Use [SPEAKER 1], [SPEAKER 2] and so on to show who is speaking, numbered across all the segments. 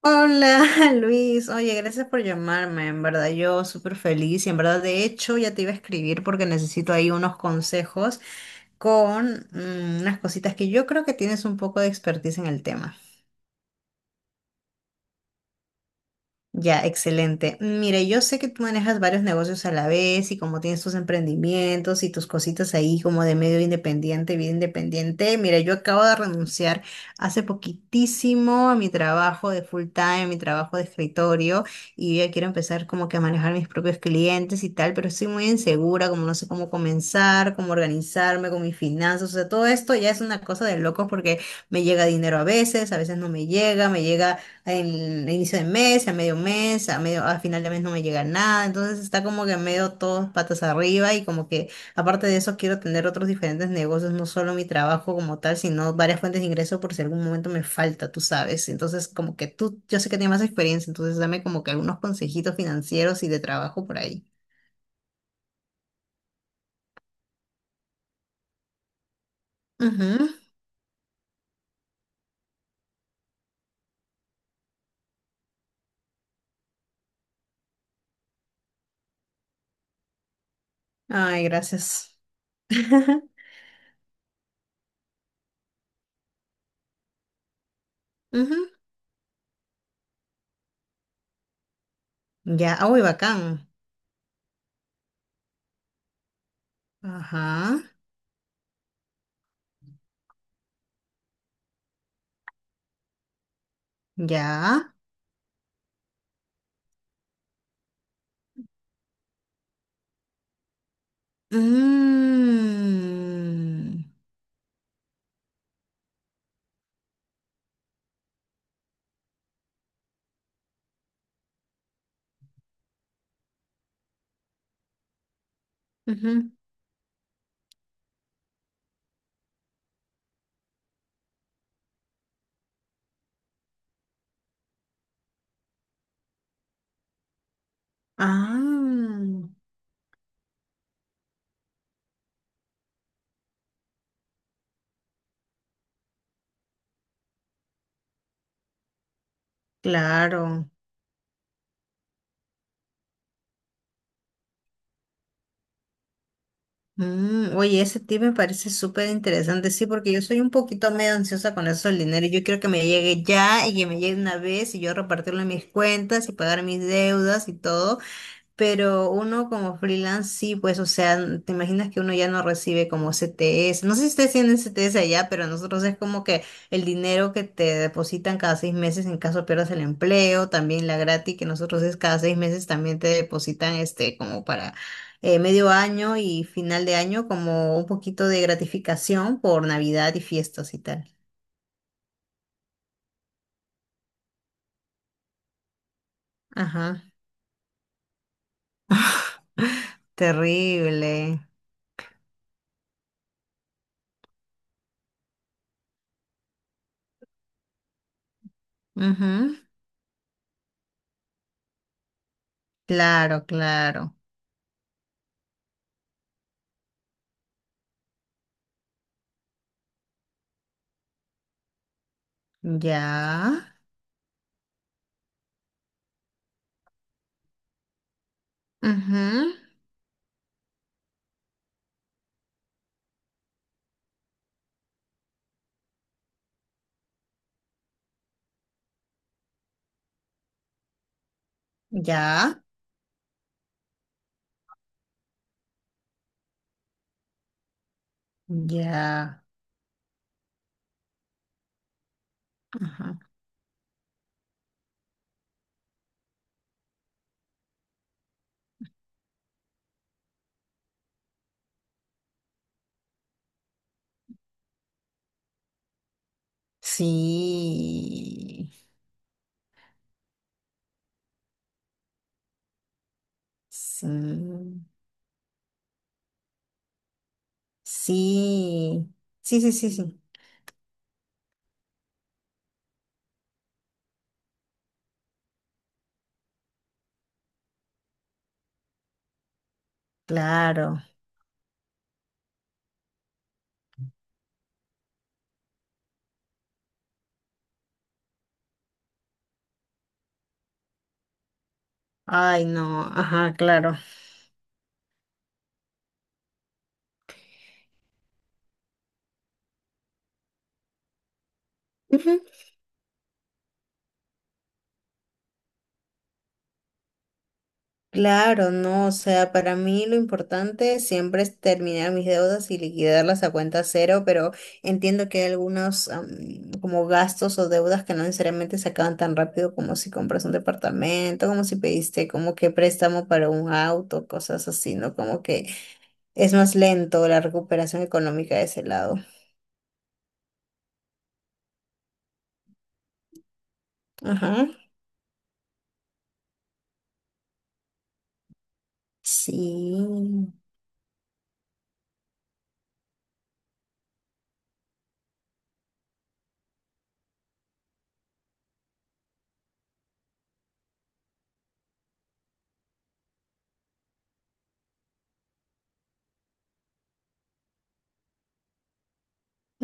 [SPEAKER 1] Hola Luis, oye, gracias por llamarme, en verdad yo súper feliz y en verdad de hecho ya te iba a escribir porque necesito ahí unos consejos con unas cositas que yo creo que tienes un poco de expertise en el tema. Ya, excelente. Mire, yo sé que tú manejas varios negocios a la vez y como tienes tus emprendimientos y tus cositas ahí como de medio independiente, vida independiente. Mira, yo acabo de renunciar hace poquitísimo a mi trabajo de full time, mi trabajo de escritorio y ya quiero empezar como que a manejar mis propios clientes y tal, pero estoy muy insegura, como no sé cómo comenzar, cómo organizarme con mis finanzas, o sea, todo esto ya es una cosa de locos porque me llega dinero a veces no me llega, me llega el inicio de mes, a medio mes, a final de mes no me llega nada, entonces está como que medio todos patas arriba y como que aparte de eso quiero tener otros diferentes negocios, no solo mi trabajo como tal, sino varias fuentes de ingreso por si algún momento me falta, tú sabes. Entonces como que tú, yo sé que tienes más experiencia, entonces dame como que algunos consejitos financieros y de trabajo por ahí. Ujú. Ay, gracias. Ujú. Ya, ah, uy, bacán. Ajá, ya. Mm. Ujú. Ah, claro. Oye, ese tip me parece súper interesante, sí, porque yo soy un poquito medio ansiosa con eso del dinero, y yo quiero que me llegue ya y que me llegue una vez y yo repartirlo en mis cuentas y pagar mis deudas y todo. Pero uno como freelance sí, pues, o sea, te imaginas que uno ya no recibe como CTS. No sé si ustedes tienen CTS allá, pero nosotros es como que el dinero que te depositan cada 6 meses en caso pierdas el empleo, también la gratis que nosotros es cada 6 meses también te depositan este como para medio año y final de año como un poquito de gratificación por Navidad y fiestas y tal. Ajá. Terrible. Ujú. Claro, claro. Ya. Ujú, ya, ya. Ajá. Sí, sí, sí, sí, sí, sí, sí, claro. Ay, no, ajá, claro. Claro, no, o sea, para mí lo importante siempre es terminar mis deudas y liquidarlas a cuenta cero, pero entiendo que hay algunos como gastos o deudas que no necesariamente se acaban tan rápido como si compras un departamento, como si pediste como que préstamo para un auto, cosas así, ¿no? Como que es más lento la recuperación económica de ese lado. Ajá. Sí.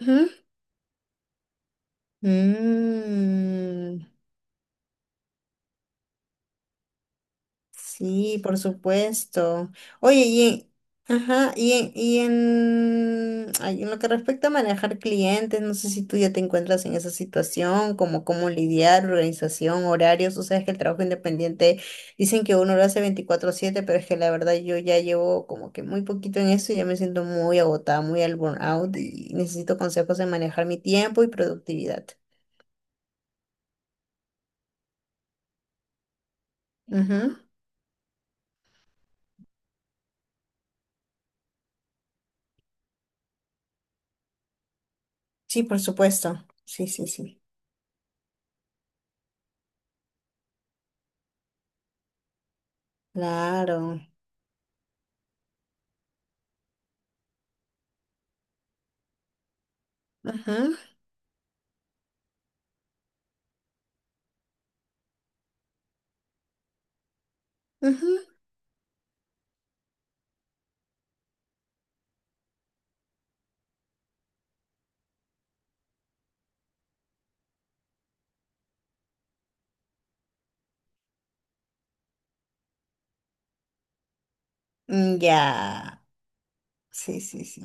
[SPEAKER 1] Ajá. Mm. Sí, por supuesto. Oye, ajá, en lo que respecta a manejar clientes, no sé si tú ya te encuentras en esa situación, como cómo lidiar, organización, horarios, tú sabes que el trabajo independiente dicen que uno lo hace 24/7, pero es que la verdad yo ya llevo como que muy poquito en eso y ya me siento muy agotada, muy al burnout y necesito consejos de manejar mi tiempo y productividad. Ujú. Sí, por supuesto. Sí, sí, sí. Claro. Ajá. Ujú. Mm, ya, sí, sí, sí.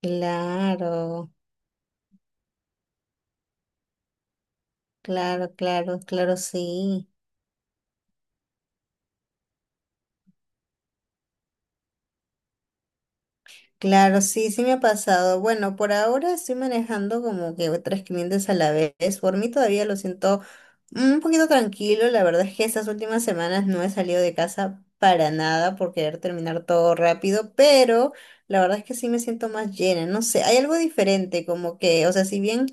[SPEAKER 1] Claro, claro, claro, claro, sí. Claro, sí, sí me ha pasado. Bueno, por ahora estoy manejando como que otras clientes a la vez. Por mí todavía lo siento un poquito tranquilo. La verdad es que estas últimas semanas no he salido de casa para nada por querer terminar todo rápido, pero la verdad es que sí me siento más llena. No sé, hay algo diferente, como que, o sea, si bien.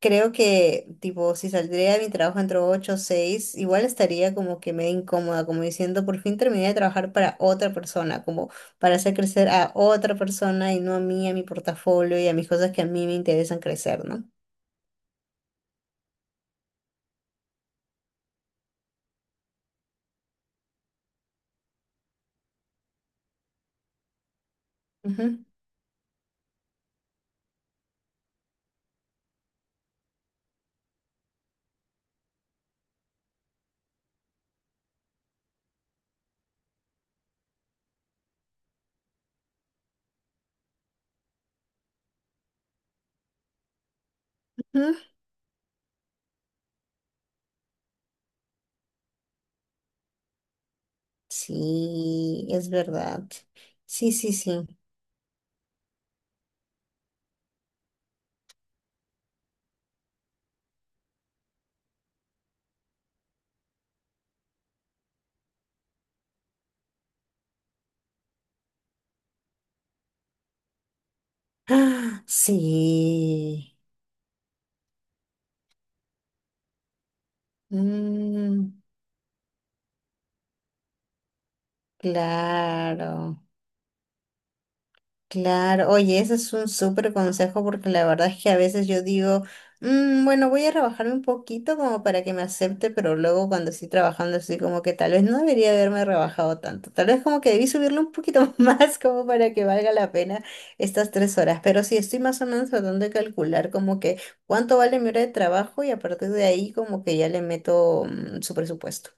[SPEAKER 1] Creo que, tipo, si saldría de mi trabajo entre 8 o 6, igual estaría como que medio incómoda, como diciendo, por fin terminé de trabajar para otra persona, como para hacer crecer a otra persona y no a mí, a mi portafolio y a mis cosas que a mí me interesan crecer, ¿no? Ujú, ujú. Sí, es verdad. Sí, sí, sí. Ah, sí. Mm, claro. Claro, oye, ese es un súper consejo porque la verdad es que a veces yo digo, "Mm, bueno, voy a rebajarme un poquito como para que me acepte, pero luego cuando estoy trabajando estoy como que tal vez no debería haberme rebajado tanto, tal vez como que debí subirle un poquito más como para que valga la pena estas 3 horas, pero sí estoy más o menos tratando de calcular como que cuánto vale mi hora de trabajo y a partir de ahí como que ya le meto su presupuesto.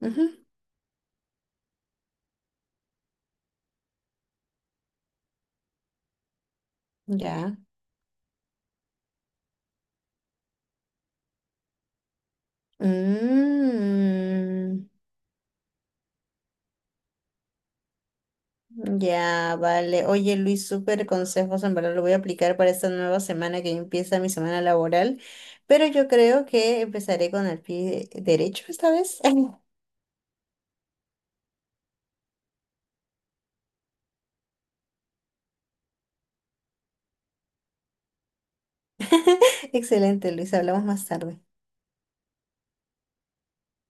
[SPEAKER 1] Ujú, ya. Mm. Ya, vale. Oye, Luis, súper consejos, en verdad lo voy a aplicar para esta nueva semana que empieza mi semana laboral, pero yo creo que empezaré con el pie derecho esta vez. Excelente, Luis, hablamos más tarde.